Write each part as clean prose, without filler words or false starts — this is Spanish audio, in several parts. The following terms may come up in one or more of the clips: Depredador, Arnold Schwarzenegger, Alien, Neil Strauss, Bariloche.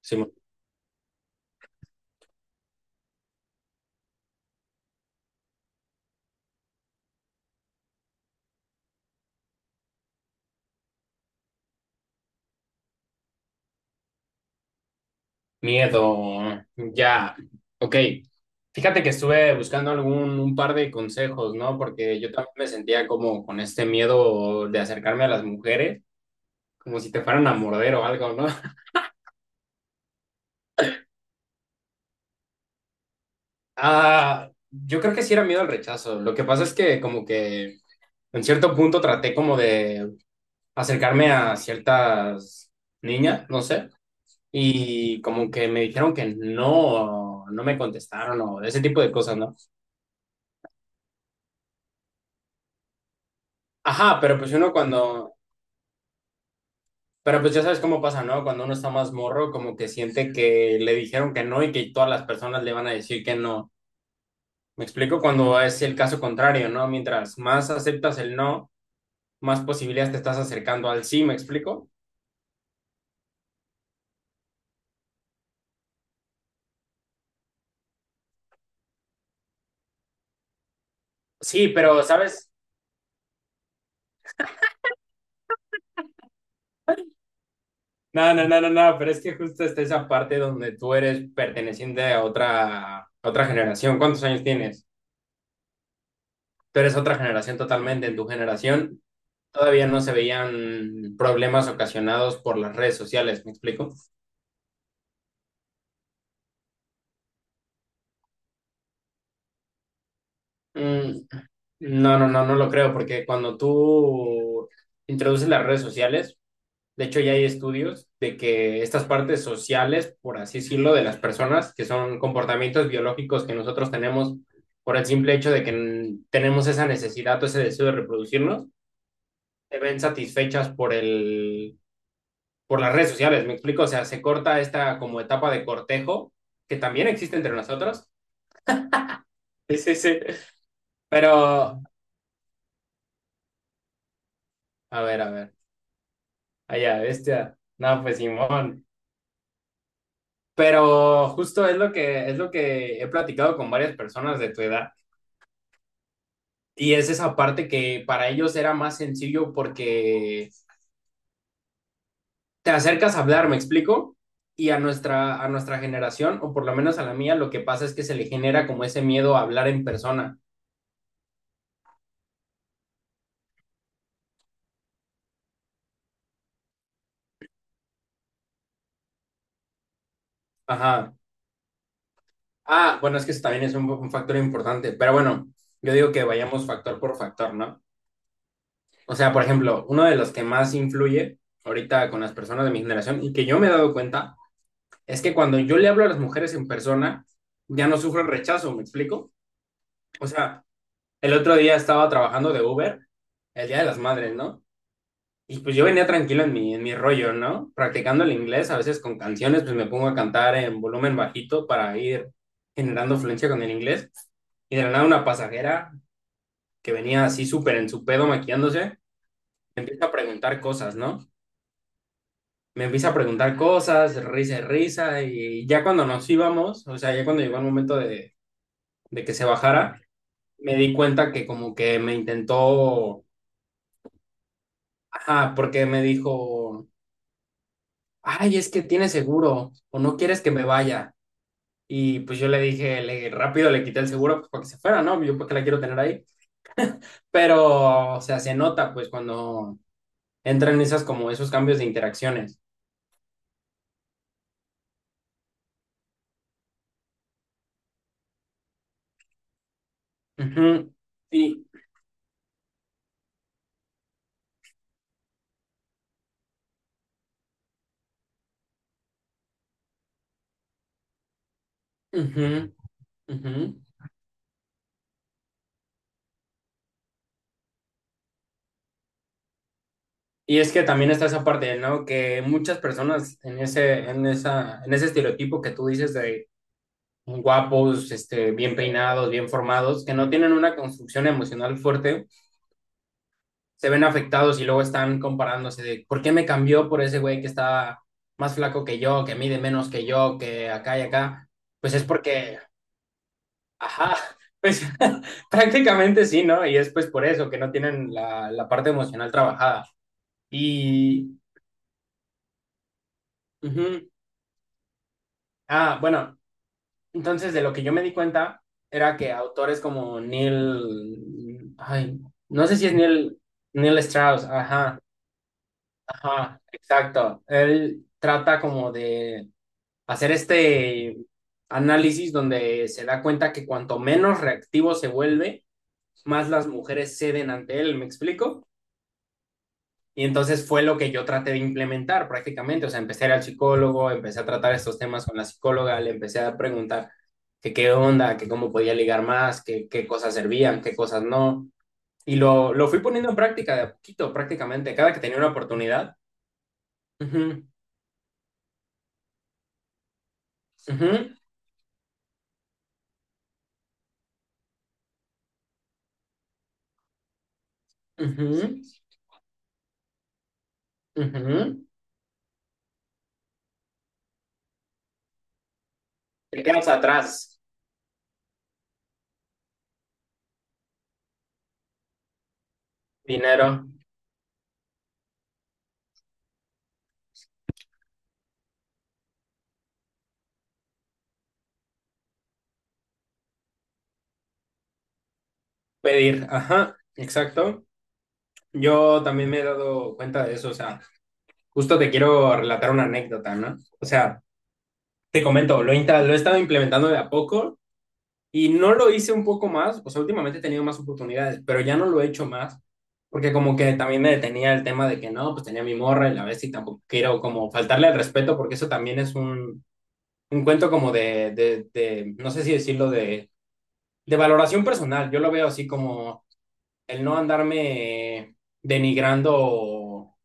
Sí, miedo, ya, ok. Fíjate que estuve buscando algún un par de consejos, ¿no? Porque yo también me sentía como con este miedo de acercarme a las mujeres, como si te fueran a morder o algo, ¿no? Ah, yo creo que sí era miedo al rechazo. Lo que pasa es que como que en cierto punto traté como de acercarme a ciertas niñas, no sé, y como que me dijeron que no, no me contestaron o ese tipo de cosas, ¿no? Ajá. Pero pues ya sabes cómo pasa, ¿no? Cuando uno está más morro, como que siente que le dijeron que no y que todas las personas le van a decir que no. Me explico cuando es el caso contrario, ¿no? Mientras más aceptas el no, más posibilidades te estás acercando al sí, ¿me explico? Sí, pero, ¿sabes? No, no, no, no, no, pero es que justo está esa parte donde tú eres perteneciente a otra, generación. ¿Cuántos años tienes? Tú eres otra generación totalmente. En tu generación todavía no se veían problemas ocasionados por las redes sociales, ¿me explico? Mm. No, no, no, no lo creo, porque cuando tú introduces las redes sociales, de hecho ya hay estudios de que estas partes sociales, por así decirlo, de las personas, que son comportamientos biológicos que nosotros tenemos por el simple hecho de que tenemos esa necesidad o ese deseo de reproducirnos, se ven satisfechas por el, por las redes sociales, ¿me explico? O sea, se corta esta como etapa de cortejo que también existe entre nosotros. Sí, sí, sí. Pero, a ver, a ver. Allá, bestia. No, pues Simón. Pero justo es lo que, he platicado con varias personas de tu edad. Y es esa parte que para ellos era más sencillo porque te acercas a hablar, ¿me explico? Y a nuestra generación, o por lo menos a la mía, lo que pasa es que se le genera como ese miedo a hablar en persona. Ajá. Ah, bueno, es que eso también es un factor importante, pero bueno, yo digo que vayamos factor por factor, ¿no? O sea, por ejemplo, uno de los que más influye ahorita con las personas de mi generación y que yo me he dado cuenta es que cuando yo le hablo a las mujeres en persona, ya no sufren rechazo, ¿me explico? O sea, el otro día estaba trabajando de Uber, el Día de las Madres, ¿no? Y pues yo venía tranquilo en mi, rollo, ¿no? Practicando el inglés, a veces con canciones, pues me pongo a cantar en volumen bajito para ir generando fluencia con el inglés. Y de la nada una pasajera que venía así súper en su pedo maquillándose, me empieza a preguntar cosas, ¿no? Me empieza a preguntar cosas, risa y risa, y ya cuando nos íbamos, o sea, ya cuando llegó el momento de que se bajara, me di cuenta que como que me intentó, ajá, porque me dijo, ay, es que tiene seguro o no quieres que me vaya. Y pues yo le dije, rápido le quité el seguro pues, para que se fuera, ¿no? Yo porque la quiero tener ahí. Pero, o sea, se nota pues cuando entran esas como esos cambios de interacciones. Ujú. Y, ujú, ujú. Y es que también está esa parte, ¿no? Que muchas personas en ese, en esa, en ese estereotipo que tú dices de guapos, este, bien peinados, bien formados, que no tienen una construcción emocional fuerte, se ven afectados y luego están comparándose de por qué me cambió por ese güey que está más flaco que yo, que mide menos que yo, que acá y acá. Pues es porque, ajá, pues prácticamente sí, ¿no? Y es pues por eso que no tienen la, parte emocional trabajada. Y, ujú. Ah, bueno. Entonces, de lo que yo me di cuenta era que autores como Neil, ay, no sé si es Neil, Neil Strauss, ajá, ajá, exacto. Él trata como de hacer este análisis donde se da cuenta que cuanto menos reactivo se vuelve, más las mujeres ceden ante él, ¿me explico? Y entonces fue lo que yo traté de implementar prácticamente. O sea, empecé a ir al psicólogo, empecé a tratar estos temas con la psicóloga, le empecé a preguntar que qué onda, que cómo podía ligar más, que qué cosas servían, qué cosas no. Y lo fui poniendo en práctica de a poquito, prácticamente, cada que tenía una oportunidad. Ujú, ujú, ujú, ujú. Te quedas atrás, dinero, pedir, ajá, exacto. Yo también me he dado cuenta de eso, o sea, justo te quiero relatar una anécdota, ¿no? O sea, te comento, lo, lo he estado implementando de a poco y no lo hice un poco más, o sea, últimamente he tenido más oportunidades, pero ya no lo he hecho más, porque como que también me detenía el tema de que no, pues tenía mi morra y la ves y tampoco quiero como faltarle el respeto, porque eso también es un cuento como de, no sé si decirlo, de valoración personal. Yo lo veo así como el no andarme denigrando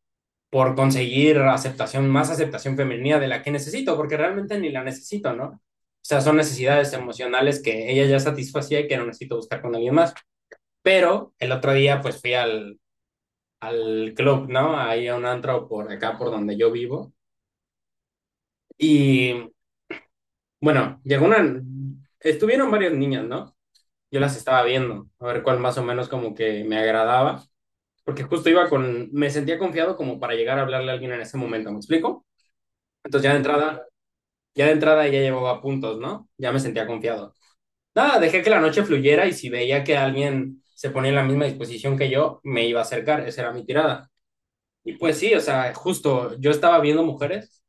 por conseguir aceptación, más aceptación femenina de la que necesito, porque realmente ni la necesito, ¿no? O sea, son necesidades emocionales que ella ya satisfacía y que no necesito buscar con alguien más. Pero el otro día, pues fui al, al club, ¿no? Ahí a un antro por acá, por donde yo vivo. Y bueno, llegó una. Estuvieron varias niñas, ¿no? Yo las estaba viendo, a ver cuál más o menos como que me agradaba, porque justo iba con. Me sentía confiado como para llegar a hablarle a alguien en ese momento, ¿me explico? Entonces ya de entrada ya llevaba puntos, ¿no? Ya me sentía confiado. Nada, dejé que la noche fluyera y si veía que alguien se ponía en la misma disposición que yo, me iba a acercar. Esa era mi tirada. Y pues sí, o sea, justo yo estaba viendo mujeres,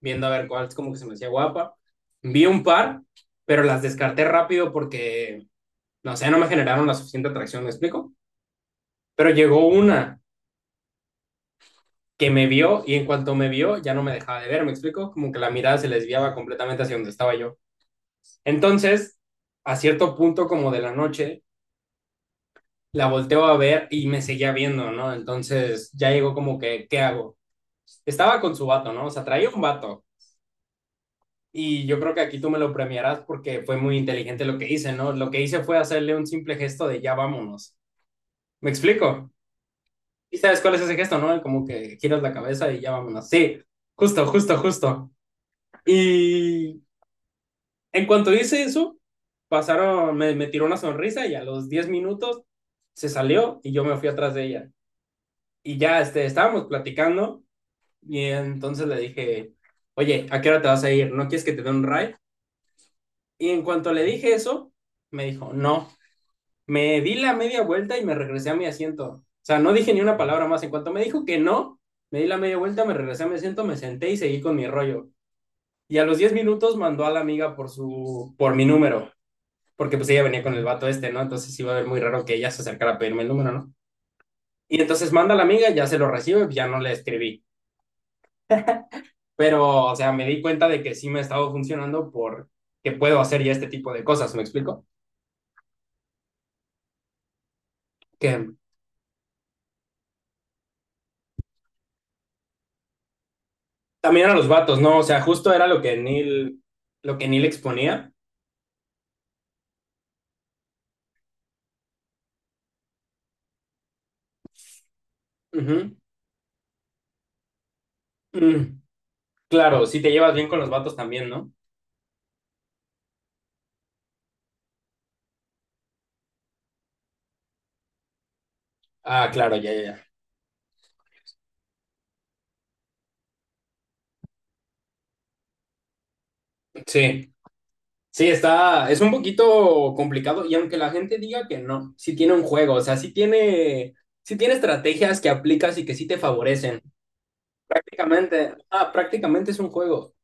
viendo a ver cuál es como que se me hacía guapa. Vi un par, pero las descarté rápido porque, no sé, no me generaron la suficiente atracción, ¿me explico? Pero llegó una que me vio y en cuanto me vio ya no me dejaba de ver, ¿me explico? Como que la mirada se les desviaba completamente hacia donde estaba yo. Entonces, a cierto punto como de la noche, la volteo a ver y me seguía viendo, ¿no? Entonces ya llegó como que, ¿qué hago? Estaba con su vato, ¿no? O sea, traía un vato. Y yo creo que aquí tú me lo premiarás porque fue muy inteligente lo que hice, ¿no? Lo que hice fue hacerle un simple gesto de ya vámonos. ¿Me explico? ¿Y sabes cuál es ese gesto, no? Como que giras la cabeza y ya vámonos. Sí, justo, justo, justo. Y en cuanto hice eso, pasaron, me tiró una sonrisa y a los 10 minutos se salió y yo me fui atrás de ella. Y ya este, estábamos platicando y entonces le dije, oye, ¿a qué hora te vas a ir? ¿No quieres que te dé un ride? Y en cuanto le dije eso, me dijo, no. Me di la media vuelta y me regresé a mi asiento. O sea, no dije ni una palabra más. En cuanto me dijo que no, me di la media vuelta, me regresé a mi asiento, me senté y seguí con mi rollo. Y a los 10 minutos mandó a la amiga por su, por mi número. Porque pues ella venía con el vato este, ¿no? Entonces iba a ver muy raro que ella se acercara a pedirme el número, ¿no? Y entonces manda a la amiga, ya se lo recibe, pues, ya no le escribí. Pero, o sea, me di cuenta de que sí me ha estado funcionando porque puedo hacer ya este tipo de cosas, ¿me explico? Que también a los vatos, ¿no? O sea, justo era lo que Neil, exponía. Ujú. Mm, claro, si te llevas bien con los vatos también, ¿no? Ah, claro, ya, ya, ya. Sí. Sí, es un poquito complicado y aunque la gente diga que no, sí tiene un juego, o sea, sí tiene, estrategias que aplicas y que sí te favorecen. Prácticamente es un juego,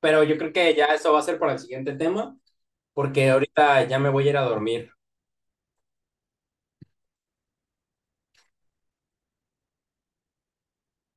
pero yo creo que ya eso va a ser para el siguiente tema, porque ahorita ya me voy a ir a dormir.